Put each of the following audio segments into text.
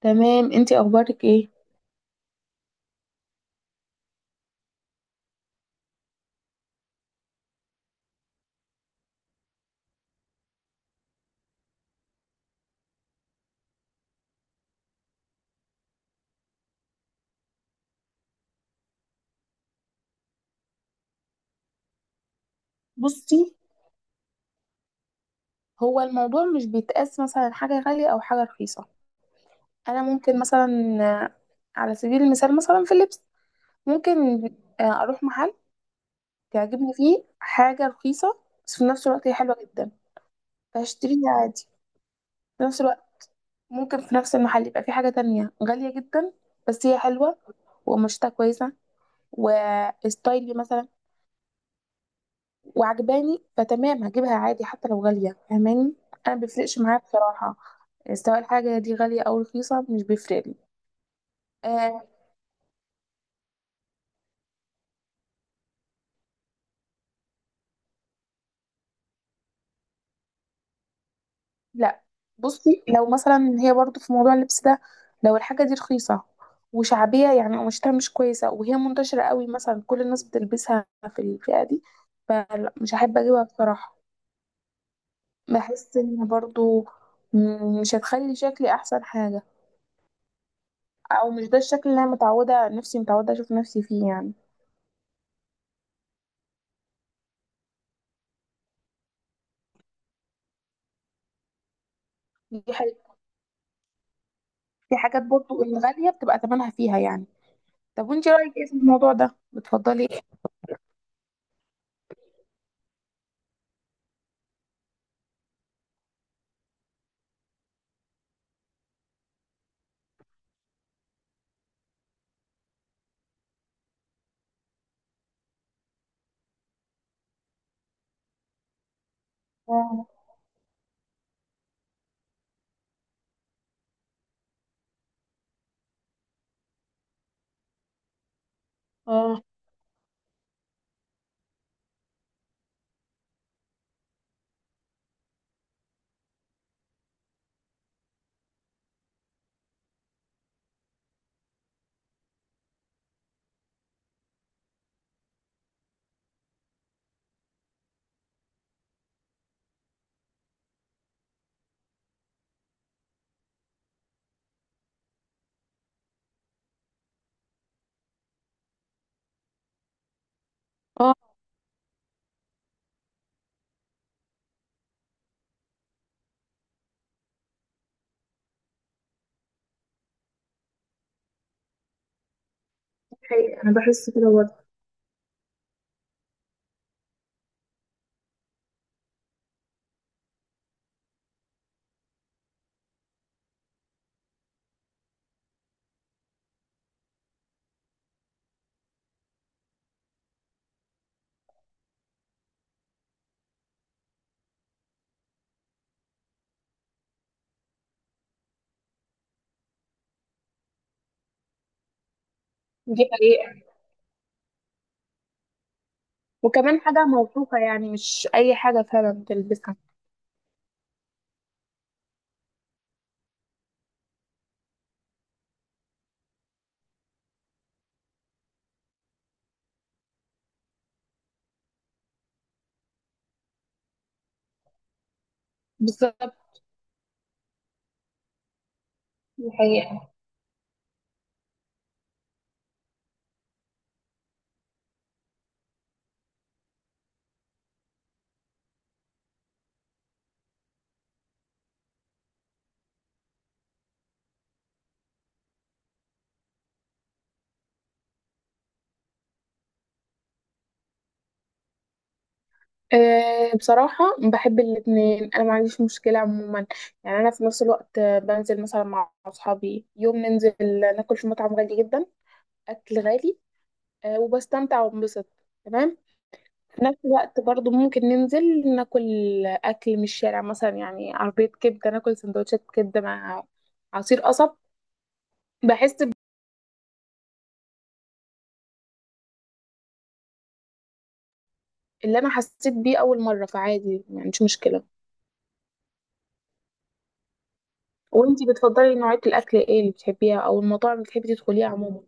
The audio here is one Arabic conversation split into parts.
تمام، انتي اخبارك ايه؟ بصي، هو الموضوع مش بيتقاس مثلا حاجه غاليه او حاجه رخيصه. انا ممكن مثلا، آه، على سبيل المثال مثلا في اللبس. ممكن اروح محل تعجبني فيه حاجه رخيصه، بس في نفس الوقت هي حلوه جدا، فهشتريها عادي. في نفس الوقت ممكن في نفس المحل يبقى في حاجه تانية غاليه جدا، بس هي حلوه وقماشتها كويسه وستايلي مثلا وعجباني، فتمام هجيبها عادي حتى لو غالية. فاهماني؟ انا مبيفرقش معايا بصراحة، سواء الحاجة دي غالية او رخيصة مش بيفرق لي. آه، لا، بصي، لو مثلا هي برضو في موضوع اللبس ده، لو الحاجة دي رخيصة وشعبية، يعني قماشتها مش كويسة وهي منتشرة قوي مثلا كل الناس بتلبسها في الفئة دي، فلا، مش هحب اجيبها بصراحة. بحس ان برضو مش هتخلي شكلي احسن حاجة، او مش ده الشكل اللي انا متعودة، نفسي متعودة اشوف نفسي فيه يعني. دي حاجة. في حاجات برضو الغالية بتبقى ثمنها فيها يعني. طب وانت رأيك ايه في الموضوع ده؟ بتفضلي ايه؟ اه، اه، اه. حقيقة انا بحس كده برضه. دي حقيقة. وكمان حاجة موثوقة، يعني مش اي حاجة فعلا تلبسها. بالظبط. دي حقيقة. أه بصراحة، بحب الاتنين، أنا ما عنديش مشكلة عموما. يعني أنا في نفس الوقت بنزل مثلا مع أصحابي يوم، ننزل ناكل في مطعم غالي جدا، أكل غالي، أه، وبستمتع وبنبسط. تمام. في نفس الوقت برضو ممكن ننزل ناكل أكل من الشارع مثلا، يعني عربية كبدة، ناكل سندوتشات كبدة مع عصير قصب. بحس اللي أنا حسيت بيه أول مرة، فعادي يعني، مش مشكلة. وانتي بتفضلي نوعية الأكل ايه اللي بتحبيها، أو المطاعم اللي بتحبي تدخليها عموما؟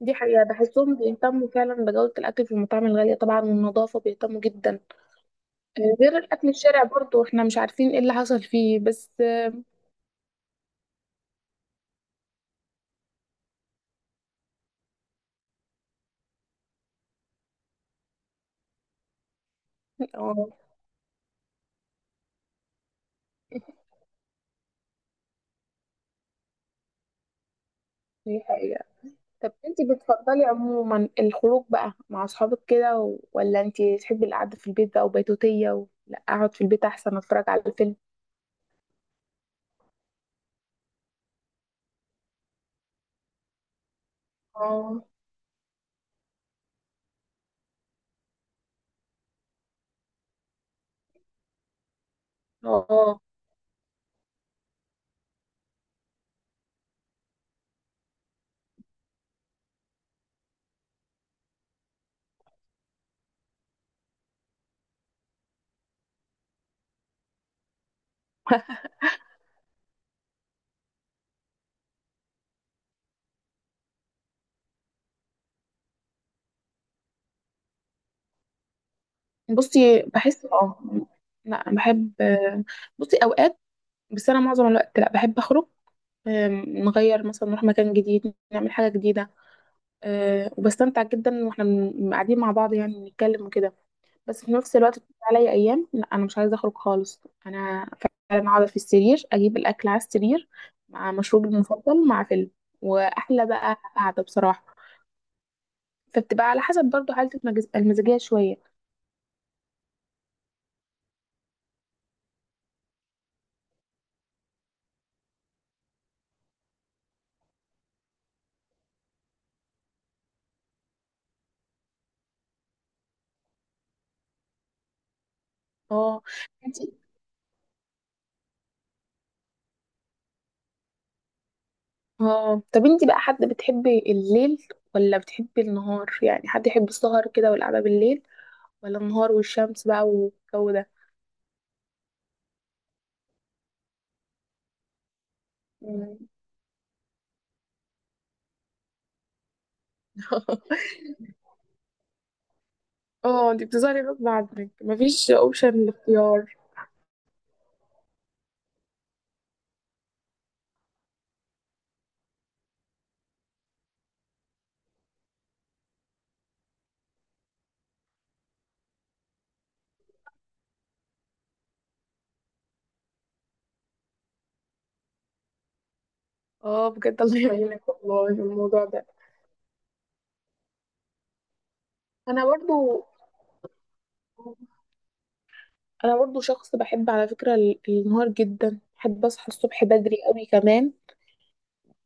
دي حقيقة، بحسهم بيهتموا فعلا بجودة الأكل في المطاعم الغالية طبعا، والنظافة بيهتموا جدا. غير الأكل الشارع برضو احنا مش عارفين ايه اللي حصل فيه بس. اه. دي حقيقة. طب انتي بتفضلي عموما الخروج بقى مع اصحابك كده، ولا انتي تحبي القعده في البيت بقى وبيتوتيه، لا اقعد في البيت احسن اتفرج على الفيلم؟ اه، اه. بصي، بحس، اه، لا بحب. بصي اوقات، بس انا معظم الوقت لا، بحب اخرج. نغير مثلا، نروح مكان جديد، نعمل حاجه جديده. وبستمتع جدا واحنا قاعدين مع بعض، يعني بنتكلم وكده. بس في نفس الوقت بتيجي عليا ايام لا، انا مش عايزه اخرج خالص. انا فعلا اقعد في السرير، اجيب الاكل على السرير مع مشروبي المفضل مع فيلم، واحلى بقى قعده بصراحه. فبتبقى على حسب برضو حالة المزاجية شوية. اه. انتي. اه طب انتي بقى حد بتحبي الليل ولا بتحبي النهار؟ يعني حد يحب السهر كده والقعدة بالليل، ولا النهار والشمس بقى والجو ده؟ مم. اه، انتي بتظهري غصب عنك، مفيش اوبشن الاختيار. اه بجد، الله يعينك والله، الموضوع ده. انا برضو انا برضو شخص بحب على فكرة النهار جدا، بحب اصحى الصبح بدري قوي كمان.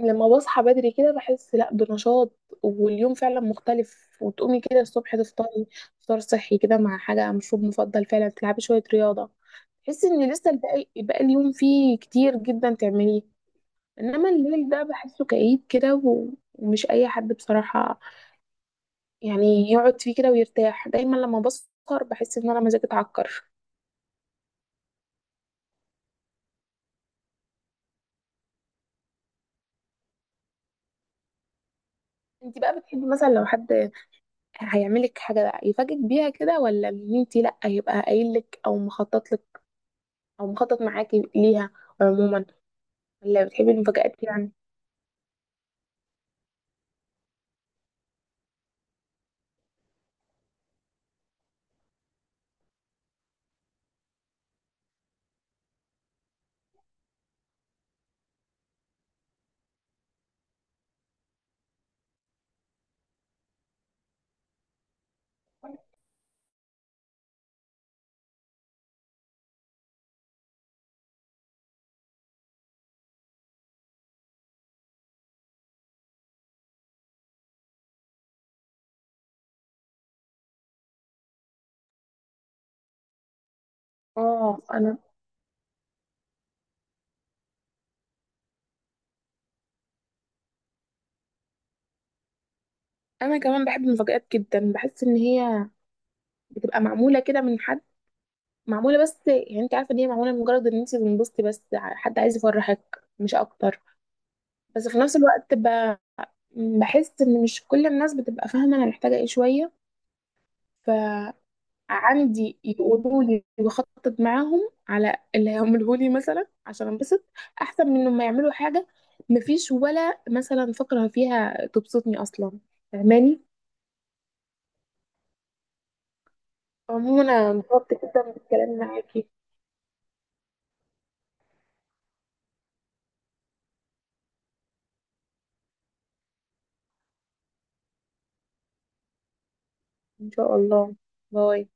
لما بصحى بدري كده بحس، لا، بنشاط، واليوم فعلا مختلف، وتقومي كده الصبح تفطري فطار صحي كده، مع حاجة مشروب مفضل، فعلا تلعبي شوية رياضة، تحسي ان لسه الباقي بقى اليوم فيه كتير جدا تعمليه. انما الليل ده بحسه كئيب كده، ومش اي حد بصراحة يعني يقعد فيه كده ويرتاح. دايما لما بسهر بحس ان انا مزاجي اتعكر. انت بقى بتحبي مثلا لو حد هيعملك حاجه بقى يفاجئك بيها كده، ولا ان انت لا يبقى قايل لك او مخطط لك او مخطط معاكي ليها عموما؟ ولا بتحبي المفاجآت يعني؟ اه. انا كمان بحب المفاجآت جدا. بحس ان هي بتبقى معموله كده من حد، معموله بس، يعني انت عارفه ان هي معموله لمجرد ان انت تنبسطي بس، حد عايز يفرحك مش اكتر. بس في نفس الوقت بحس ان مش كل الناس بتبقى فاهمه انا محتاجه ايه شويه، فعندي يقولوا لي وخطط معاهم على اللي هيعمله لي مثلا عشان انبسط، احسن من ما يعملوا حاجه مفيش ولا مثلا فقره فيها تبسطني اصلا. فاهماني؟ عموما انا انبسطت جدا بالكلام معاكي. ان شاء الله. باي.